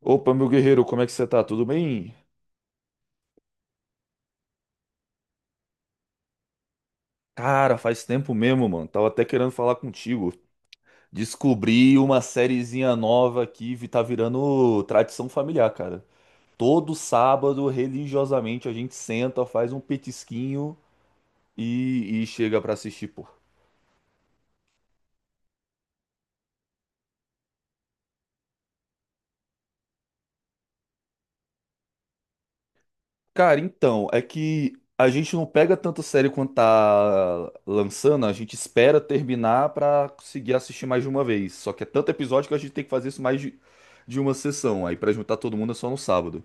Opa, meu guerreiro, como é que você tá? Tudo bem? Cara, faz tempo mesmo, mano. Tava até querendo falar contigo. Descobri uma sériezinha nova tá virando tradição familiar, cara. Todo sábado, religiosamente, a gente senta, faz um petisquinho e chega pra assistir, pô. Cara, então, é que a gente não pega tanto sério quanto tá lançando, a gente espera terminar pra conseguir assistir mais de uma vez. Só que é tanto episódio que a gente tem que fazer isso de uma sessão. Aí pra juntar todo mundo é só no sábado.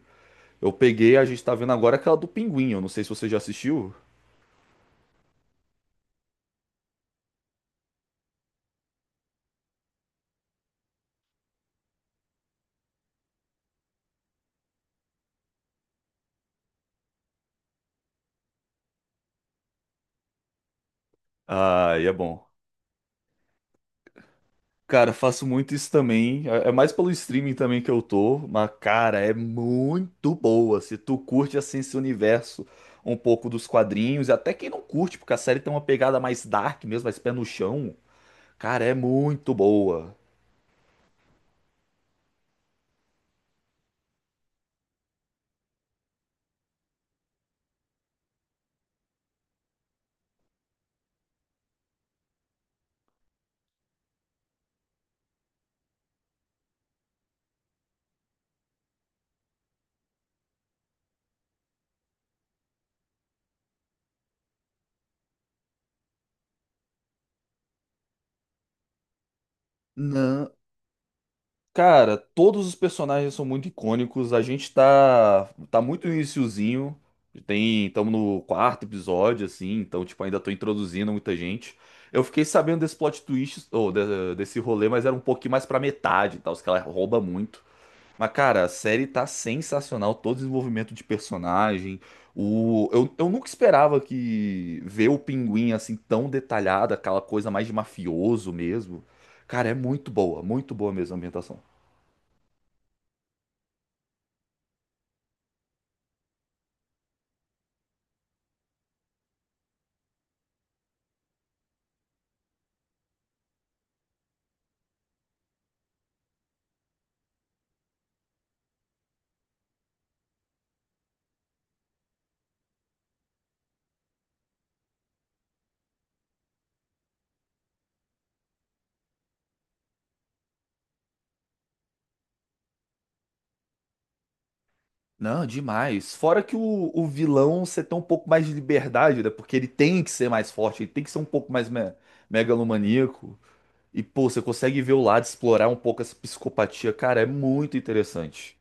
Eu peguei, a gente tá vendo agora aquela do Pinguim, eu não sei se você já assistiu. Ah, e é bom. Cara, faço muito isso também. É mais pelo streaming também que eu tô, mas cara, é muito boa. Se tu curte assim esse universo um pouco dos quadrinhos, e até quem não curte, porque a série tem uma pegada mais dark mesmo, mais pé no chão, cara, é muito boa. Não. Cara, todos os personagens são muito icônicos. A gente tá muito no iniciozinho. Tem, estamos no quarto episódio, assim, então, tipo, ainda tô introduzindo muita gente. Eu fiquei sabendo desse plot twist, desse rolê, mas era um pouquinho mais pra metade, e tal, os caras roubam muito. Mas, cara, a série tá sensacional, todo o desenvolvimento de personagem. O, eu nunca esperava que ver o Pinguim assim tão detalhado, aquela coisa mais de mafioso mesmo. Cara, é muito boa mesmo a ambientação. Não, demais. Fora que o vilão você tem um pouco mais de liberdade, né? Porque ele tem que ser mais forte, ele tem que ser um pouco mais me megalomaníaco. E, pô, você consegue ver o lado, explorar um pouco essa psicopatia. Cara, é muito interessante.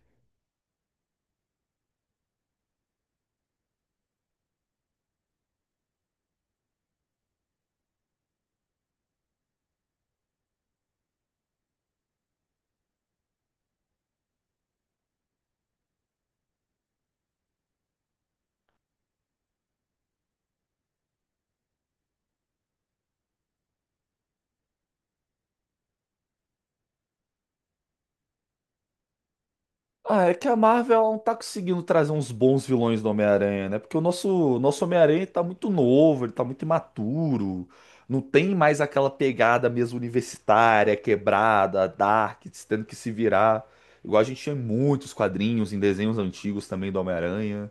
Ah, é que a Marvel ela não tá conseguindo trazer uns bons vilões do Homem-Aranha, né? Porque o nosso Homem-Aranha tá muito novo, ele tá muito imaturo. Não tem mais aquela pegada mesmo universitária, quebrada, dark, tendo que se virar. Igual a gente tinha em muitos quadrinhos, em desenhos antigos também do Homem-Aranha.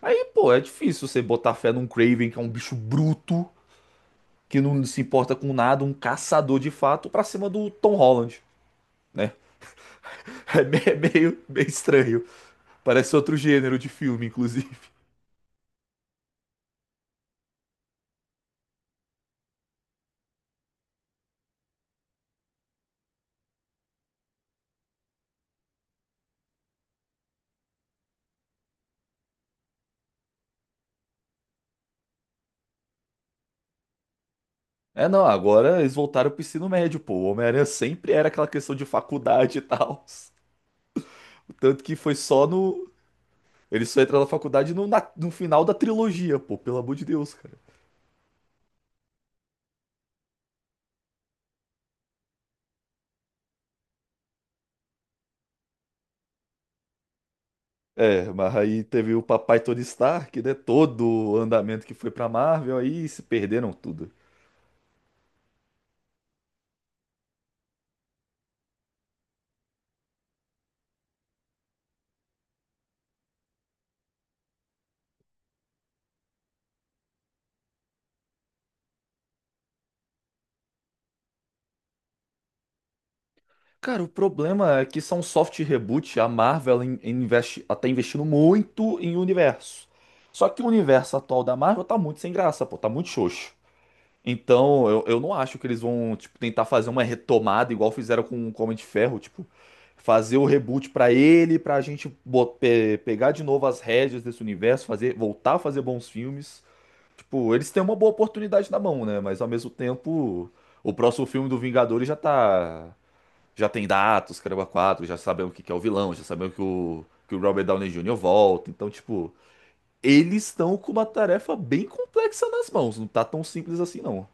Aí, pô, é difícil você botar fé num Craven, que é um bicho bruto, que não se importa com nada, um caçador de fato, pra cima do Tom Holland, né? É meio, meio estranho. Parece outro gênero de filme, inclusive. É, não, agora eles voltaram pro ensino médio, pô. O Homem-Aranha sempre era aquela questão de faculdade e tal. Tanto que foi só no. Ele só entra na faculdade no final da trilogia, pô, pelo amor de Deus, cara. É, mas aí teve o papai Tony Stark, né? Todo o andamento que foi pra Marvel, aí se perderam tudo. Cara, o problema é que são soft reboot, a Marvel ela investe, ela tá investindo muito em universo. Só que o universo atual da Marvel tá muito sem graça, pô, tá muito xoxo. Então, eu não acho que eles vão, tipo, tentar fazer uma retomada igual fizeram com o Homem de Ferro, tipo, fazer o reboot pra ele, pra gente bo- pe- pegar de novo as rédeas desse universo, fazer, voltar a fazer bons filmes. Tipo, eles têm uma boa oportunidade na mão, né? Mas ao mesmo tempo, o próximo filme do Vingadores já tá, já tem datas, caramba, quatro, já sabemos que é o vilão, já sabemos que o Robert Downey Jr. volta. Então, tipo, eles estão com uma tarefa bem complexa nas mãos, não tá tão simples assim, não.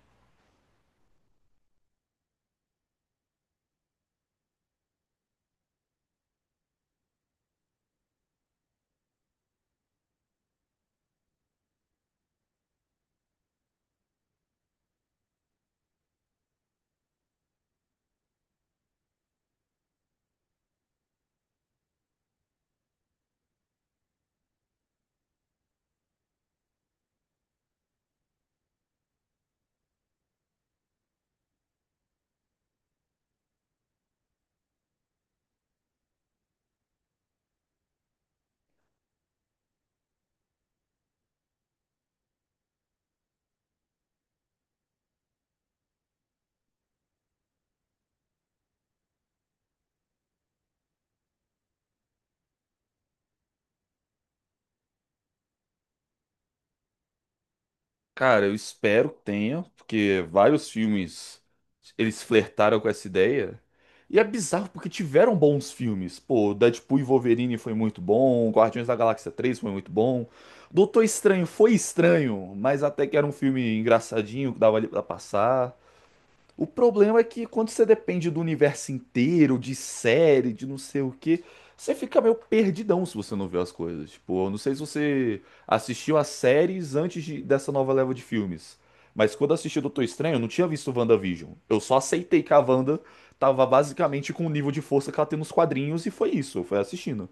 Cara, eu espero que tenha, porque vários filmes eles flertaram com essa ideia. E é bizarro porque tiveram bons filmes. Pô, Deadpool e Wolverine foi muito bom, Guardiões da Galáxia 3 foi muito bom. Doutor Estranho foi estranho, mas até que era um filme engraçadinho que dava ali pra passar. O problema é que quando você depende do universo inteiro, de série, de não sei o que, você fica meio perdidão se você não vê as coisas. Tipo, eu não sei se você assistiu as séries dessa nova leva de filmes, mas quando eu assisti Doutor Estranho, eu não tinha visto WandaVision. Eu só aceitei que a Wanda tava basicamente com o nível de força que ela tem nos quadrinhos e foi isso, eu fui assistindo.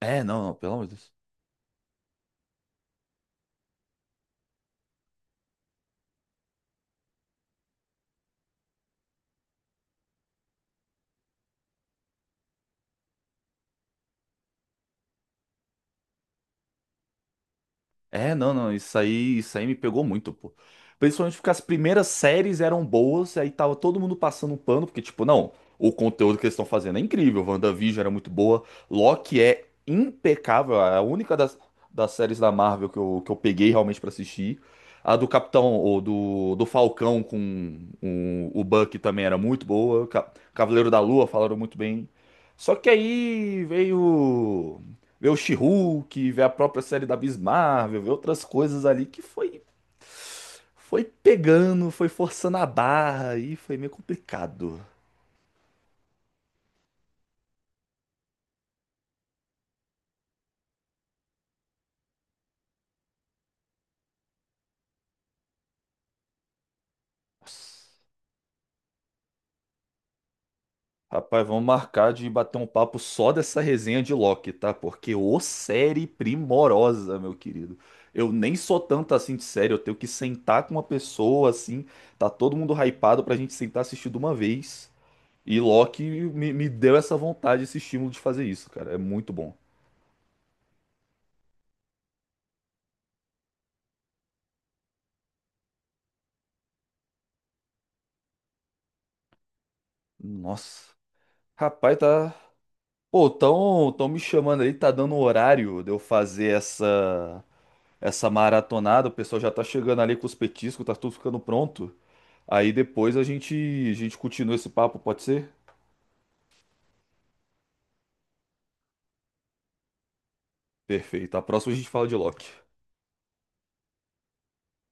É, não, não, pelo amor de Deus. É, não, não, isso aí me pegou muito, pô. Principalmente porque as primeiras séries eram boas, aí tava todo mundo passando um pano, porque, tipo, não, o conteúdo que eles estão fazendo é incrível, WandaVision era muito boa, Loki é impecável, é das séries da Marvel que eu peguei realmente pra assistir. A do Capitão, ou do Falcão com o Bucky também era muito boa, Cavaleiro da Lua falaram muito bem. Só que aí veio ver o She-Hulk, ver a própria série da Miss Marvel, ver outras coisas ali que foi pegando, foi forçando a barra e foi meio complicado. Nossa. Rapaz, vamos marcar de bater um papo só dessa resenha de Loki, tá? Porque ô série primorosa, meu querido. Eu nem sou tanto assim de série, eu tenho que sentar com uma pessoa assim, tá todo mundo hypado pra gente sentar e assistir de uma vez. E me deu essa vontade, esse estímulo de fazer isso, cara. É muito bom. Nossa. Rapaz, tá. Pô, tão me chamando aí, tá dando um horário de eu fazer essa maratonada. O pessoal já tá chegando ali com os petiscos, tá tudo ficando pronto. Aí depois a gente continua esse papo, pode ser? Perfeito. A próxima a gente fala de Loki.